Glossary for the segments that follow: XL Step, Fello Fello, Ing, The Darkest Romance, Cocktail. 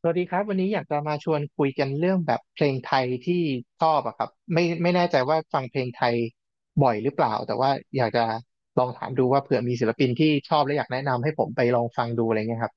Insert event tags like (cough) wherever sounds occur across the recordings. สวัสดีครับวันนี้อยากจะมาชวนคุยกันเรื่องแบบเพลงไทยที่ชอบอะครับไม่แน่ใจว่าฟังเพลงไทยบ่อยหรือเปล่าแต่ว่าอยากจะลองถามดูว่าเผื่อมีศิลปินที่ชอบและอยากแนะนำให้ผมไปลองฟังดูอะไรเงี้ยครับ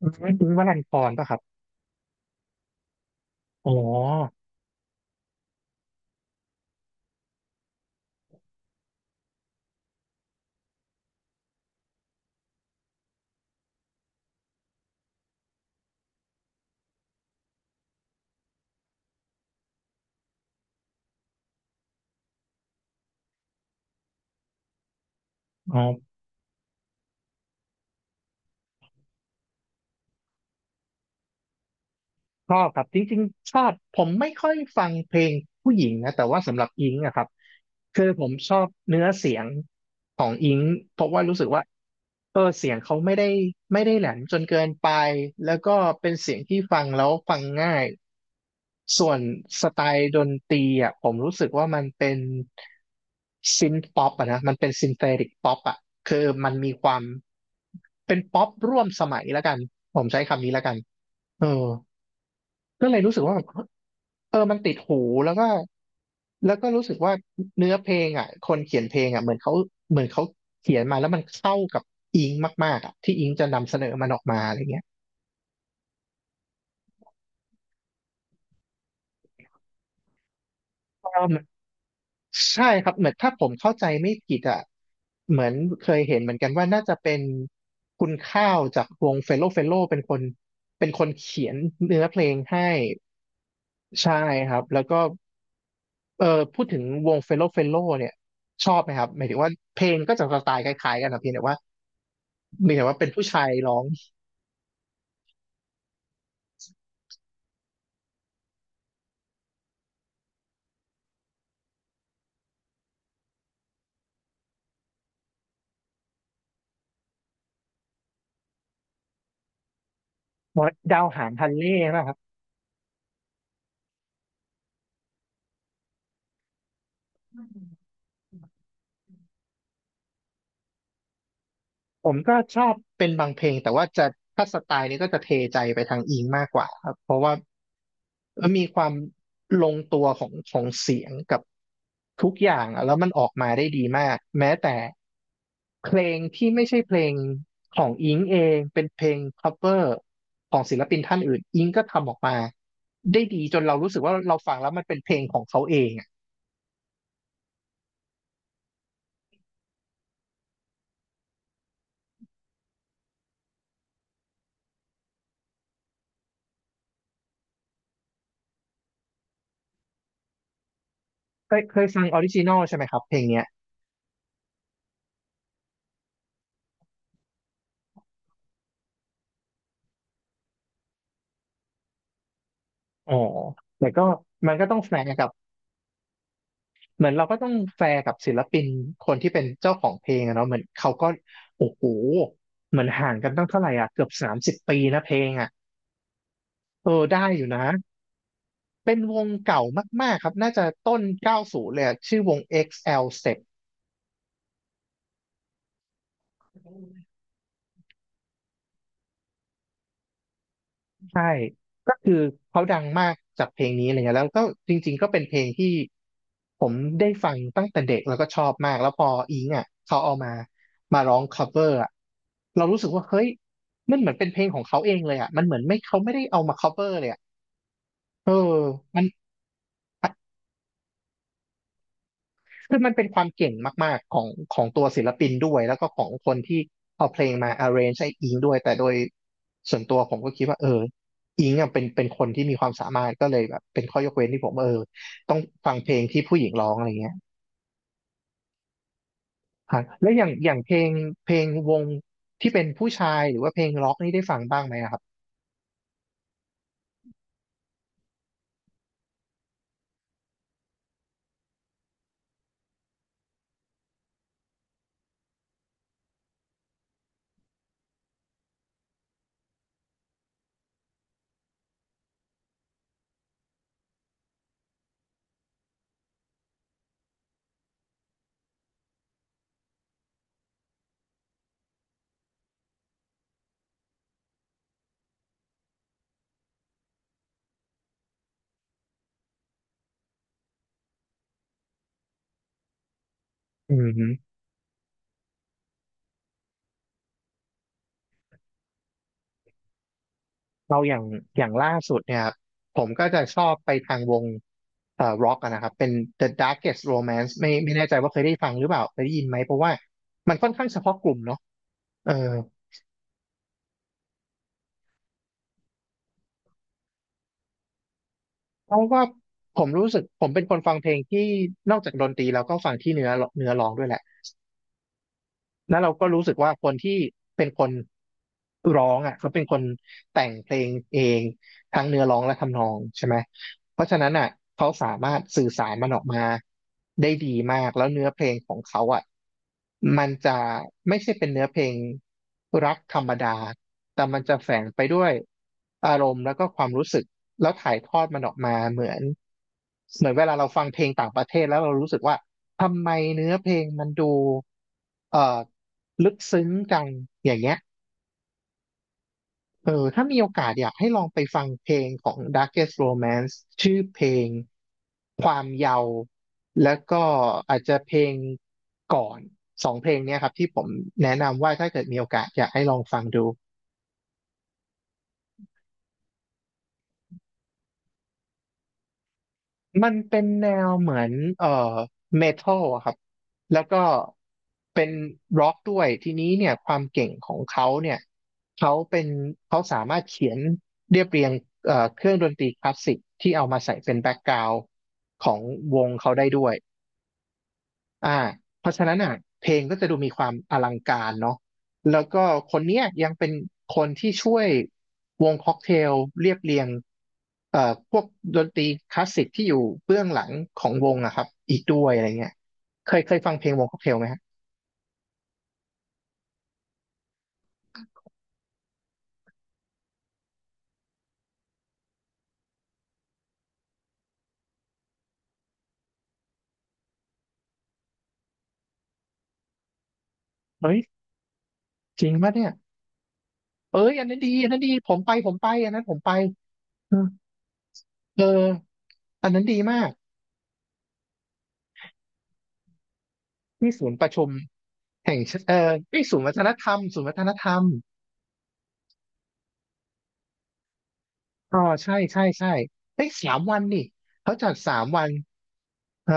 อืมคุณวรันธรป่ะครับอ๋ออ๋อ ชอบครับจริงๆชอบผมไม่ค่อยฟังเพลงผู้หญิงนะแต่ว่าสำหรับอิงอะครับคือผมชอบเนื้อเสียงของอิงเพราะว่ารู้สึกว่าเสียงเขาไม่ได้แหลมจนเกินไปแล้วก็เป็นเสียงที่ฟังแล้วฟังง่ายส่วนสไตล์ดนตรีอ่ะผมรู้สึกว่ามันเป็นซินป๊อปอะนะมันเป็นซินเทติกป๊อปอะคือมันมีความเป็นป๊อปร่วมสมัยแล้วกันผมใช้คำนี้แล้วกันเออ ก็เลยรู้สึกว่าแบบเออมันติดหูแล้วก็แล้วก็รู้สึกว่าเนื้อเพลงอ่ะคนเขียนเพลงอ่ะเหมือนเขาเขียนมาแล้วมันเข้ากับอิงมากๆอ่ะที่อิงจะนำเสนอมันออกมาอะไรเงี้ยใช่ครับเหมือนถ้าผมเข้าใจไม่ผิดอ่ะเหมือนเคยเห็นเหมือนกันว่าน่าจะเป็นคุณข้าวจากวงเฟลโลเฟลโลเป็นคนเขียนเนื้อเพลงให้ใช่ครับแล้วก็ เออพูดถึงวงเฟลโลเฟลโลเนี่ยชอบไหมครับหมายถึงว่าเพลงก็จะสไตล์คล้ายๆกันนะเพียงแต่ว่ามีแต่ว่าเป็นผู้ชายร้องดาวหางฮันเล่นะ ผมก็ชอบเป็นบางเพลงแต่ว่าจะถ้าสไตล์นี้ก็จะเทใจไปทางอิงมากกว่าครับเพราะว่ามีความลงตัวของของเสียงกับทุกอย่างอะแล้วมันออกมาได้ดีมากแม้แต่เพลงที่ไม่ใช่เพลงของอิงเองเป็นเพลง cover ของศิลปินท่านอื่นอิงก็ทำออกมาได้ดีจนเรารู้สึกว่าเราฟังแล้วมันเป็นเพลงของเขาเองอะเคยฟังออริจินอลใช่ไหมครับเพลงเนี้ยอ๋อแต่ก็มันก็ต้องแฝงกับ เหมือนเราก็ต้องแฟร์กับศิลปินคนที่เป็นเจ้าของเพลงอะเนาะเหมือนเขาก็โอ้โหเหมือนห่างกันตั้งเท่าไหร่อ่ะเกือบ30 ปีนะเพลงอ่ะเออได้อยู่นะเป็นวงเก่ามากๆครับน่าจะต้นเก้าสูบเลยอะชื่อวง XL Step ใช่ ก็คือเขาดังมากจากเพลงนี้อะไรเงี้ยแล้วก็จริงๆก็เป็นเพลงที่ผมได้ฟังตั้งแต่เด็กแล้วก็ชอบมากแล้วพออิงอ่ะเขาเอามามาร้อง cover อ่ะเรารู้สึกว่าเฮ้ยมันเหมือนเป็นเพลงของเขาเองเลยอ่ะมันเหมือนไม่เขาไม่ได้เอามา cover เลยอ่ะเออมัน คือมันเป็นความเก่งมากๆของของตัวศิลปินด้วยแล้วก็ของคนที่เอาเพลงมา arrange ให้อิงด้วยแต่โดยส่วนตัวผมก็คิดว่าอิงอ่ะเป็นคนที่มีความสามารถก็เลยแบบเป็นข้อยกเว้นที่ผมต้องฟังเพลงที่ผู้หญิงร้องอะไรเงี้ยฮะแล้วอย่างเพลงเพลงวงที่เป็นผู้ชายหรือว่าเพลงร็อกนี่ได้ฟังบ้างไหมอะครับอืม เราอย่างล่าสุดเนี่ยครับผมก็จะชอบไปทางวงร็อกนะครับเป็น The Darkest Romance ไม่แน่ใจว่าเคยได้ฟังหรือเปล่าเคยได้ยินไหมเพราะว่ามันค่อนข้างเฉพาะกลุ่มเนาะเออเพราะว่าผมรู้สึกผมเป็นคนฟังเพลงที่นอกจากดนตรีแล้วก็ฟังที่เนื้อเนื้อร้องด้วยแหละ แล้วเราก็รู้สึกว่าคนที่เป็นคนร้องอ่ะเขาเป็นคนแต่งเพลงเองทั้งเนื้อร้องและทำนองใช่ไหมเพราะฉะนั้นอ่ะเขาสามารถสื่อสารมันออกมาได้ดีมากแล้วเนื้อเพลงของเขาอ่ะมันจะไม่ใช่เป็นเนื้อเพลงรักธรรมดาแต่มันจะแฝงไปด้วยอารมณ์แล้วก็ความรู้สึกแล้วถ่ายทอดมันออกมาเหมือนเหมือนเวลาเราฟังเพลงต่างประเทศแล้วเรารู้สึกว่าทำไมเนื้อเพลงมันดูเอ่อ ลึกซึ้งกันอย่างเงี้ยเออถ้ามีโอกาสอยากให้ลองไปฟังเพลงของ Darkest Romance ชื่อเพลงความเยาว์แล้วก็อาจจะเพลงก่อน2 เพลงเนี้ยครับที่ผมแนะนำว่าถ้าเกิดมีโอกาสอยากให้ลองฟังดู มันเป็นแนวเหมือนเอ่อเมทัลอะครับแล้วก็เป็นร็อกด้วยทีนี้เนี่ยความเก่งของเขาเนี่ยเขาเป็นเขาสามารถเขียนเรียบเรียงเครื่องดนตรีคลาสสิกที่เอามาใส่เป็นแบ็กกราวด์ของวงเขาได้ด้วย อ่าเพราะฉะนั้นอ่ะเพลงก็จะดูมีความอลังการเนาะแล้วก็คนเนี้ยยังเป็นคนที่ช่วยวงค็อกเทลเรียบเรียงเอ่อพวกดนตรีคลาสสิกที่อยู่เบื้องหลังของวงอะครับอีกด้วยอะไรเงี้ยเคยฟังเพลงวงค็อกเทลไหมฮะเฮ้ยจริงปะเนี่ยเอ้ยอันนั้นดีอันนั้นดีผมไปอันนั้นผมไปเออเอออันนั้นดีมากที่ศูนย์ประชุมแห่งชที่ศูนย์วัฒนธรรมศูนย์วัฒนธรรม อ๋อใช่เอ้ยสามวันนี่เขาจัดสามวันเอ้า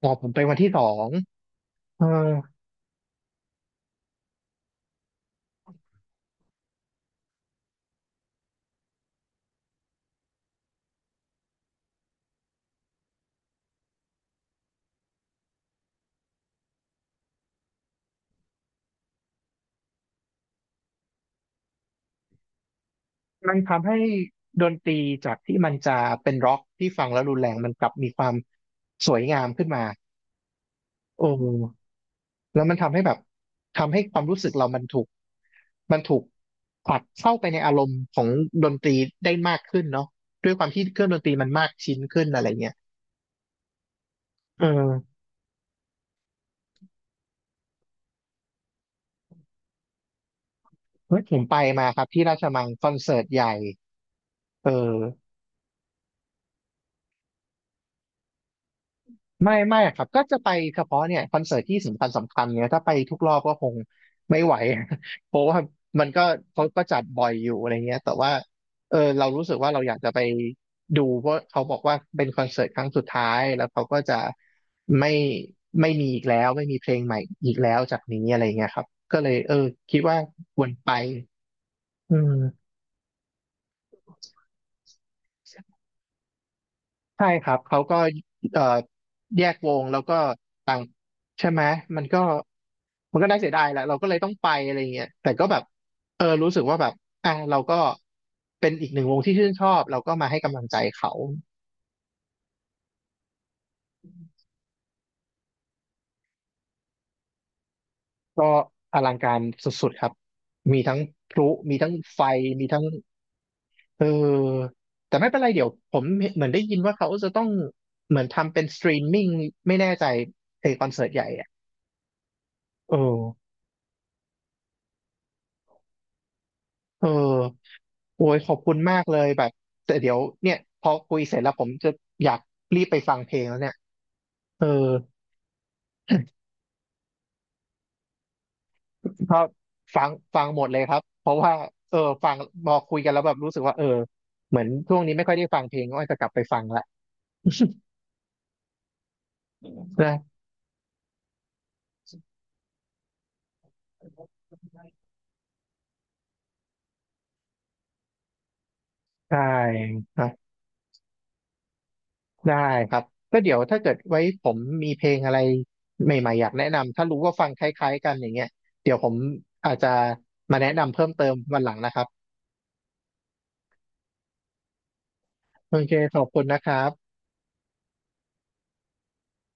อ๋อผมไปวันที่สองเออมันทำให้ดนตรีจากที่มันจะเป็นร็อกที่ฟังแล้วรุนแรงมันกลับมีความสวยงามขึ้นมาโอ้แล้วมันทำให้แบบทำให้ความรู้สึกเรามันถูกผลักเข้าไปในอารมณ์ของดนตรีได้มากขึ้นเนาะด้วยความที่เครื่องดนตรีมันมากชิ้นขึ้นอะไรเงี้ยเออเฮ้ยผมไปมาครับที่ราชมังคอนเสิร์ตใหญ่เออ ไม่ครับก็จะไปเฉพาะเนี่ยคอนเสิร์ตที่สำคัญเนี่ยถ้าไปทุกรอบก็คงไม่ไหว (laughs) เพราะว่ามันก็เขาก็จัดบ่อยอยู่อะไรเงี้ยแต่ว่าเออเรารู้สึกว่าเราอยากจะไปดูเพราะเขาบอกว่าเป็นคอนเสิร์ตครั้งสุดท้ายแล้วเขาก็จะไม่ไม่มีอีกแล้วไม่มีเพลงใหม่อีกแล้วจากนี้อะไรเงี้ยครับก็เลยเออคิดว่าควรไปอืม ใช่ครับเขาก็เอ่อแยกวงแล้วก็ต่างใช่ไหมมันก็มันก็น่าเสียดายแหละเราก็เลยต้องไปอะไรเงี้ยแต่ก็แบบเออรู้สึกว่าแบบอ่ะเราก็เป็นอีกหนึ่งวงที่ชื่นชอบเราก็มาให้กำลังใจเขาก็อลังการสุดๆครับมีทั้งพลุมีทั้งไฟมีทั้งเออแต่ไม่เป็นไรเดี๋ยวผมเหมือนได้ยินว่าเขาจะต้องเหมือนทำเป็นสตรีมมิ่งไม่แน่ใจไอคอนเสิร์ตใหญ่อ่ะเออ เออโอ้ยขอบคุณมากเลยแบบแต่เดี๋ยวเนี่ยพอคุยเสร็จแล้วผมจะอยากรีบไปฟังเพลงแล้วเนี่ยเออเพราะฟังฟังหมดเลยครับเพราะว่าเออฟังพอคุยกันแล้วแบบรู้สึกว่าเออเหมือนช่วงนี้ไม่ค่อยได้ฟังเพลงก็จจะกลับไปฟังละ (laughs) นะใช่นะได้ครับก็เดี๋ยวถ้าเกิดไว้ผมมีเพลงอะไรใหม่ๆอยากแนะนำถ้ารู้ว่าฟังคล้ายๆกันอย่างเงี้ยเดี๋ยวผมอาจจะมาแนะนำเพิ่มเติมวันหลังนะครับ โอเค ขอบคุณนะครับ